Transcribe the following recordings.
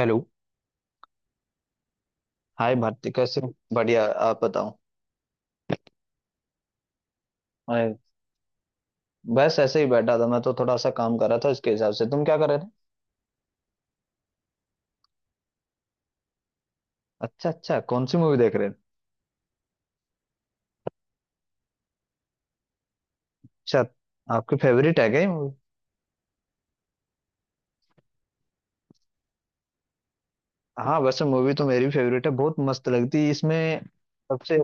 Hello. Hi Bharti, कैसे हो? बढ़िया। आप बताओ। अरे, बस ऐसे ही बैठा था। मैं तो थोड़ा सा काम कर रहा था। इसके हिसाब से तुम क्या कर रहे थे? अच्छा अच्छा, कौन सी मूवी देख रहे हैं? अच्छा, आपकी फेवरेट है क्या ये मूवी? हाँ, वैसे मूवी तो मेरी फेवरेट है। बहुत मस्त लगती है इसमें सबसे,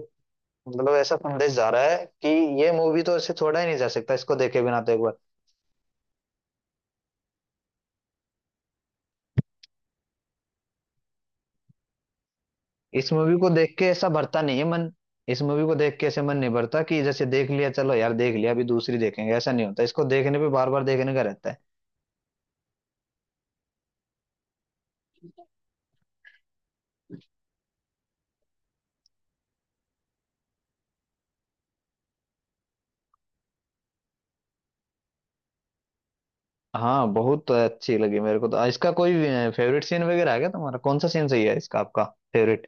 मतलब, ऐसा संदेश जा रहा है कि ये मूवी तो ऐसे छोड़ा ही नहीं जा सकता। इसको देखे बिना तो एक बार। इस मूवी को देख के ऐसा भरता नहीं है मन। इस मूवी को देख के ऐसे मन नहीं भरता कि जैसे देख लिया, चलो यार देख लिया, अभी दूसरी देखेंगे, ऐसा नहीं होता। इसको देखने पे बार बार देखने का रहता है। हाँ, बहुत अच्छी लगी मेरे को तो। इसका कोई फेवरेट सीन वगैरह है क्या तुम्हारा? कौन सा सीन सही है इसका, आपका फेवरेट?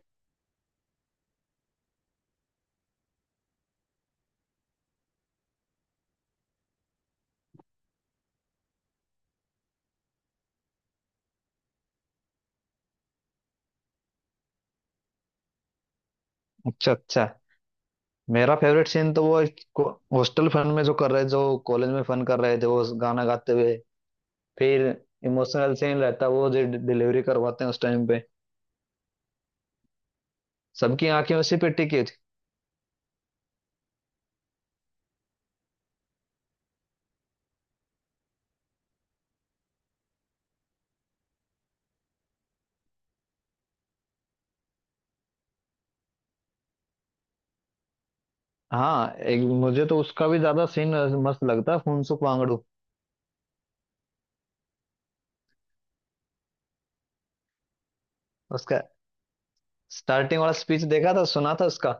अच्छा अच्छा। मेरा फेवरेट सीन तो वो हॉस्टल फन में जो कर रहे, जो कॉलेज में फन कर रहे थे वो गाना गाते हुए। फिर इमोशनल सीन रहता वो जो डिलीवरी करवाते हैं उस टाइम पे। सबकी आंखें उसी पे टिकी थी। हाँ, एक मुझे तो उसका भी ज्यादा सीन मस्त लगता है, फुनसुक वांगडू। उसका स्टार्टिंग वाला स्पीच देखा था, सुना था उसका।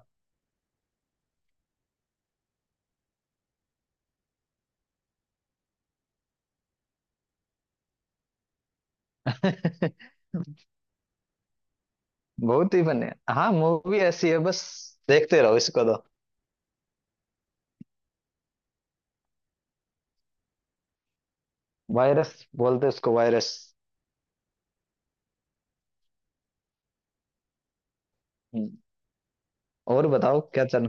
बहुत ही बने। हाँ, मूवी ऐसी है बस, देखते रहो इसको तो। वायरस बोलते हैं उसको, वायरस। हम्म, और बताओ क्या चल।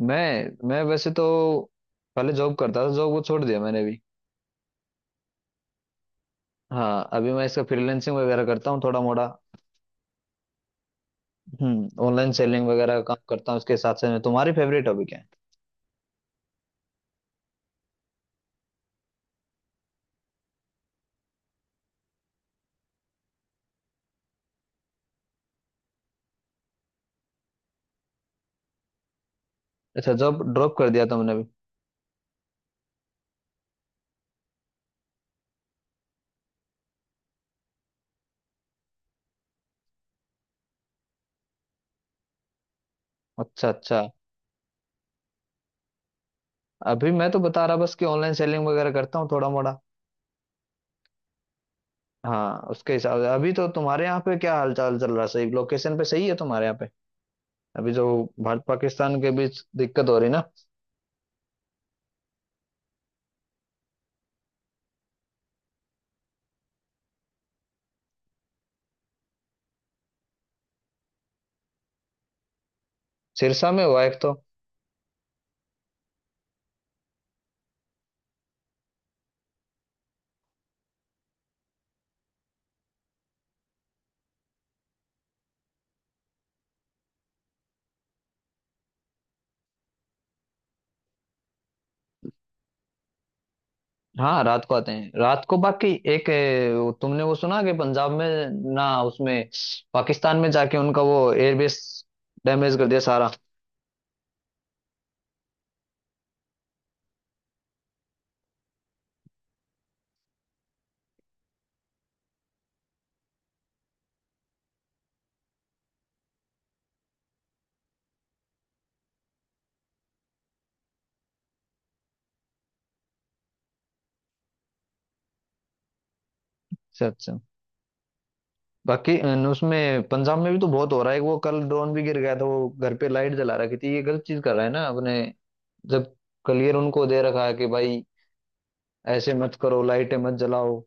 मैं वैसे तो पहले जॉब करता था, जॉब को छोड़ दिया मैंने भी। हाँ, अभी मैं इसका फ्रीलांसिंग वगैरह करता हूँ थोड़ा मोड़ा। ऑनलाइन सेलिंग वगैरह का काम करता हूँ इसके साथ साथ में। तुम्हारी फेवरेट टॉपिक है? अच्छा, जॉब ड्रॉप कर दिया तुमने भी। अच्छा अच्छा, अभी मैं तो बता रहा बस कि ऑनलाइन सेलिंग वगैरह करता हूँ थोड़ा मोड़ा। हाँ, उसके हिसाब से। अभी तो तुम्हारे यहाँ पे क्या हालचाल चल रहा है? सही लोकेशन पे सही है तुम्हारे यहाँ पे? अभी जो भारत पाकिस्तान के बीच दिक्कत हो रही ना। सिरसा में हुआ एक तो। हाँ, रात को आते हैं रात को बाकी। एक वो तुमने वो सुना कि पंजाब में ना, उसमें पाकिस्तान में जाके उनका वो एयरबेस डैमेज कर दिया सारा। अच्छा अच्छा। बाकी उसमें पंजाब में भी तो बहुत हो रहा है। वो कल ड्रोन भी गिर गया था, वो घर पे लाइट जला रखी थी। ये गलत चीज कर रहा है ना अपने। जब क्लियर उनको दे रखा है कि भाई ऐसे मत करो, लाइटें मत जलाओ,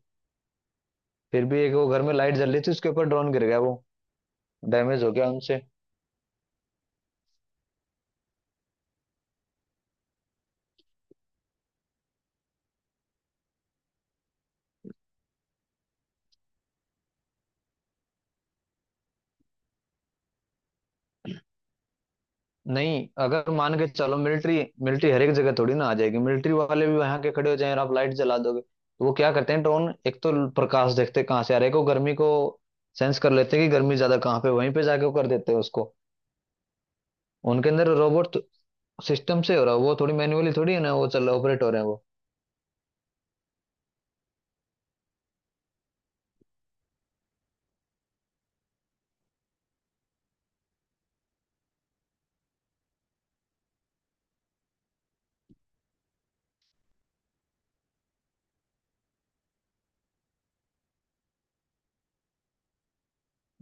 फिर भी एक वो घर में लाइट जल रही थी, उसके ऊपर ड्रोन गिर गया वो। डैमेज हो गया उनसे। नहीं, अगर मान के चलो मिलिट्री मिलिट्री हर एक जगह थोड़ी ना आ जाएगी। मिलिट्री वाले भी वहां के खड़े हो जाएं और आप लाइट जला दोगे तो वो क्या करते हैं? ड्रोन एक तो प्रकाश देखते हैं कहाँ से आ रहा है, को गर्मी को सेंस कर लेते हैं कि गर्मी ज्यादा कहाँ पे, वहीं पे जाके वो कर देते हैं उसको। उनके अंदर रोबोट सिस्टम से हो रहा है वो, थोड़ी मैन्युअली थोड़ी है ना, वो चल ऑपरेट हो रहे हैं वो।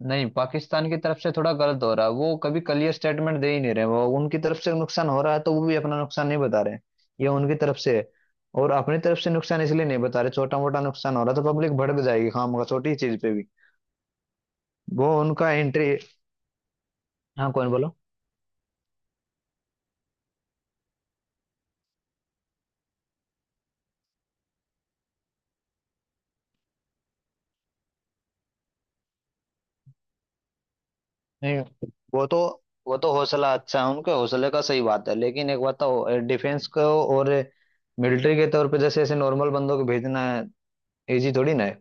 नहीं, पाकिस्तान की तरफ से थोड़ा गलत हो रहा है। वो कभी क्लियर स्टेटमेंट दे ही नहीं रहे। वो उनकी तरफ से नुकसान हो रहा है तो वो भी अपना नुकसान नहीं बता रहे। ये उनकी तरफ से है। और अपनी तरफ से नुकसान इसलिए नहीं बता रहे, छोटा मोटा नुकसान हो रहा है तो पब्लिक भड़क जाएगी खाम का, छोटी चीज पे भी। वो उनका एंट्री। हाँ, कौन बोलो। नहीं, वो तो वो तो हौसला अच्छा है, उनके हौसले का सही बात है। लेकिन एक बात तो डिफेंस को और मिलिट्री के तौर पे जैसे ऐसे नॉर्मल बंदों को भेजना इजी थोड़ी ना है।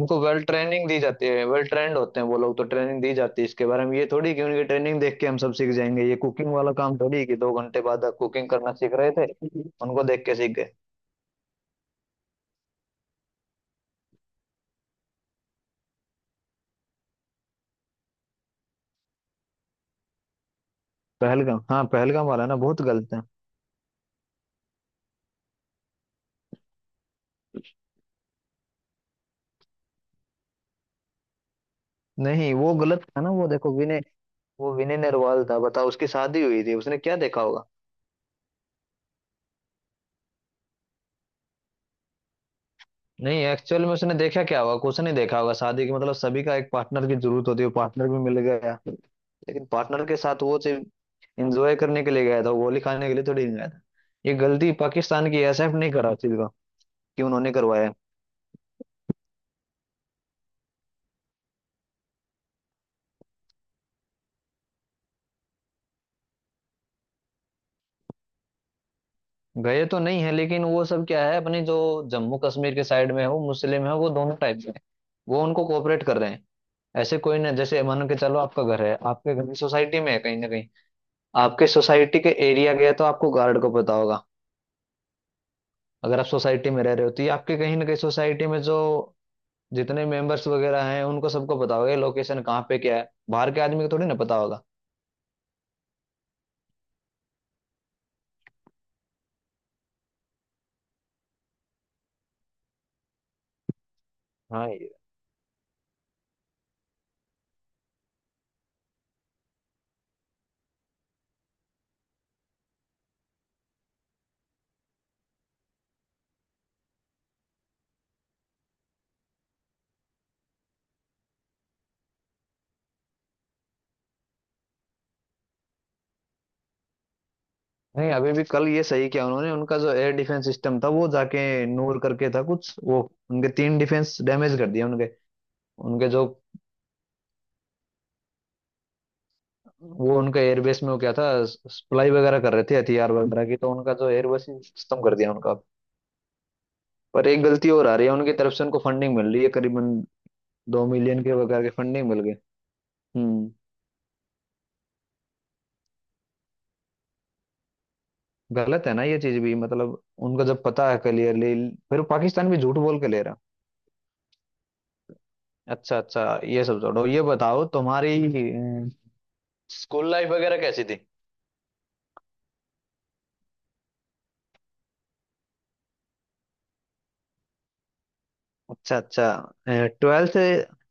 उनको वेल ट्रेनिंग दी जाती है, वेल ट्रेंड होते हैं वो लोग तो। ट्रेनिंग दी जाती है इसके बारे में, ये थोड़ी कि उनकी ट्रेनिंग देख के हम सब सीख जाएंगे। ये कुकिंग वाला काम थोड़ी कि 2 घंटे बाद कुकिंग करना सीख रहे थे, उनको देख के सीख गए। पहलगाम। हाँ, पहलगाम वाला ना बहुत गलत है। नहीं, वो गलत था ना। वो देखो विनय। वो विनय नरवाल था, बताओ। उसकी शादी हुई थी, उसने क्या देखा होगा। नहीं, एक्चुअल में उसने देखा क्या होगा? कुछ नहीं देखा होगा। शादी की, मतलब सभी का एक पार्टनर की जरूरत होती है, पार्टनर भी मिल गया। लेकिन पार्टनर के साथ वो सिर्फ इंजॉय करने के लिए गया था, गोली खाने के लिए थोड़ी गया था। ये गलती पाकिस्तान की, एसएफ नहीं करा चीज का कि उन्होंने करवाया। गए तो नहीं है, लेकिन वो सब क्या है अपनी जो जम्मू कश्मीर के साइड में हो मुस्लिम है, वो दोनों टाइप के हैं, वो उनको कोऑपरेट कर रहे हैं। ऐसे कोई ना, जैसे मान के चलो आपका घर है, आपके घर की सोसाइटी में है कहीं ना कहीं। आपके सोसाइटी के एरिया गया तो आपको गार्ड को पता होगा। अगर आप सोसाइटी में रह रहे हो तो ये आपके कहीं ना कहीं सोसाइटी में जो जितने मेंबर्स वगैरह हैं, उनको सबको पता होगा लोकेशन कहाँ पे क्या है। बाहर के आदमी को थोड़ी ना पता होगा। हाँ ये। नहीं, अभी भी कल ये सही किया उन्होंने। उनका जो एयर डिफेंस सिस्टम था वो जाके, नूर करके था कुछ वो, उनके तीन डिफेंस डैमेज कर दिए उनके। उनके जो वो उनका एयरबेस में वो क्या था, सप्लाई वगैरह कर रहे थे हथियार वगैरह की, तो उनका जो एयरबेस सिस्टम कर दिया उनका। पर एक गलती और आ रही है उनकी तरफ से। उनको फंडिंग मिल रही है करीबन 2 मिलियन के वगैरह की, फंडिंग मिल गई। हम्म गलत है ना ये चीज भी, मतलब। उनको जब पता है क्लियरली। फिर पाकिस्तान भी झूठ बोल के ले रहा। अच्छा अच्छा, ये सब छोड़ो। ये बताओ तुम्हारी स्कूल लाइफ वगैरह कैसी थी। अच्छा अच्छा। ट्वेल्थ से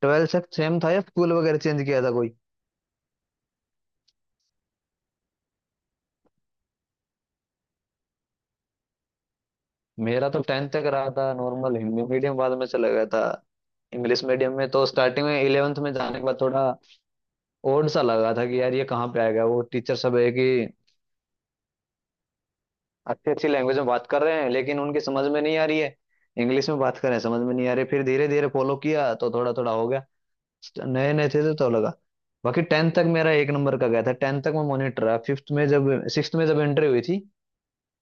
ट्वेल्थ तक सेम था या स्कूल वगैरह चेंज किया था कोई? मेरा तो टेंथ तक रहा था नॉर्मल हिंदी मीडियम, बाद में चला गया था इंग्लिश मीडियम में। तो स्टार्टिंग में इलेवेंथ में जाने के बाद थोड़ा ओड सा लगा था कि यार ये कहाँ पे आएगा। वो टीचर सब है कि अच्छी अच्छी लैंग्वेज में बात कर रहे हैं लेकिन उनकी समझ में नहीं आ रही है। इंग्लिश में बात कर रहे हैं, समझ में नहीं आ रही। फिर धीरे धीरे फॉलो किया तो थोड़ा थोड़ा हो गया। नए नए थे तो लगा। बाकी टेंथ तक मेरा एक नंबर का गया था। टेंथ तक मैं मॉनिटर रहा। फिफ्थ में जब सिक्स्थ में जब एंट्री हुई थी,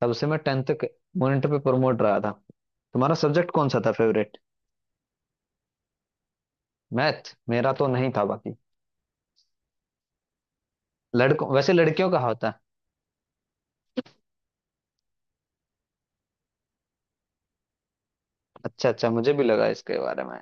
तब से मैं टेंथ तक मॉनिटर पे प्रमोट रहा था। तुम्हारा सब्जेक्ट कौन सा था फेवरेट? मैथ मेरा तो नहीं था बाकी, लड़कों वैसे लड़कियों का होता है। अच्छा अच्छा, मुझे भी लगा इसके बारे में।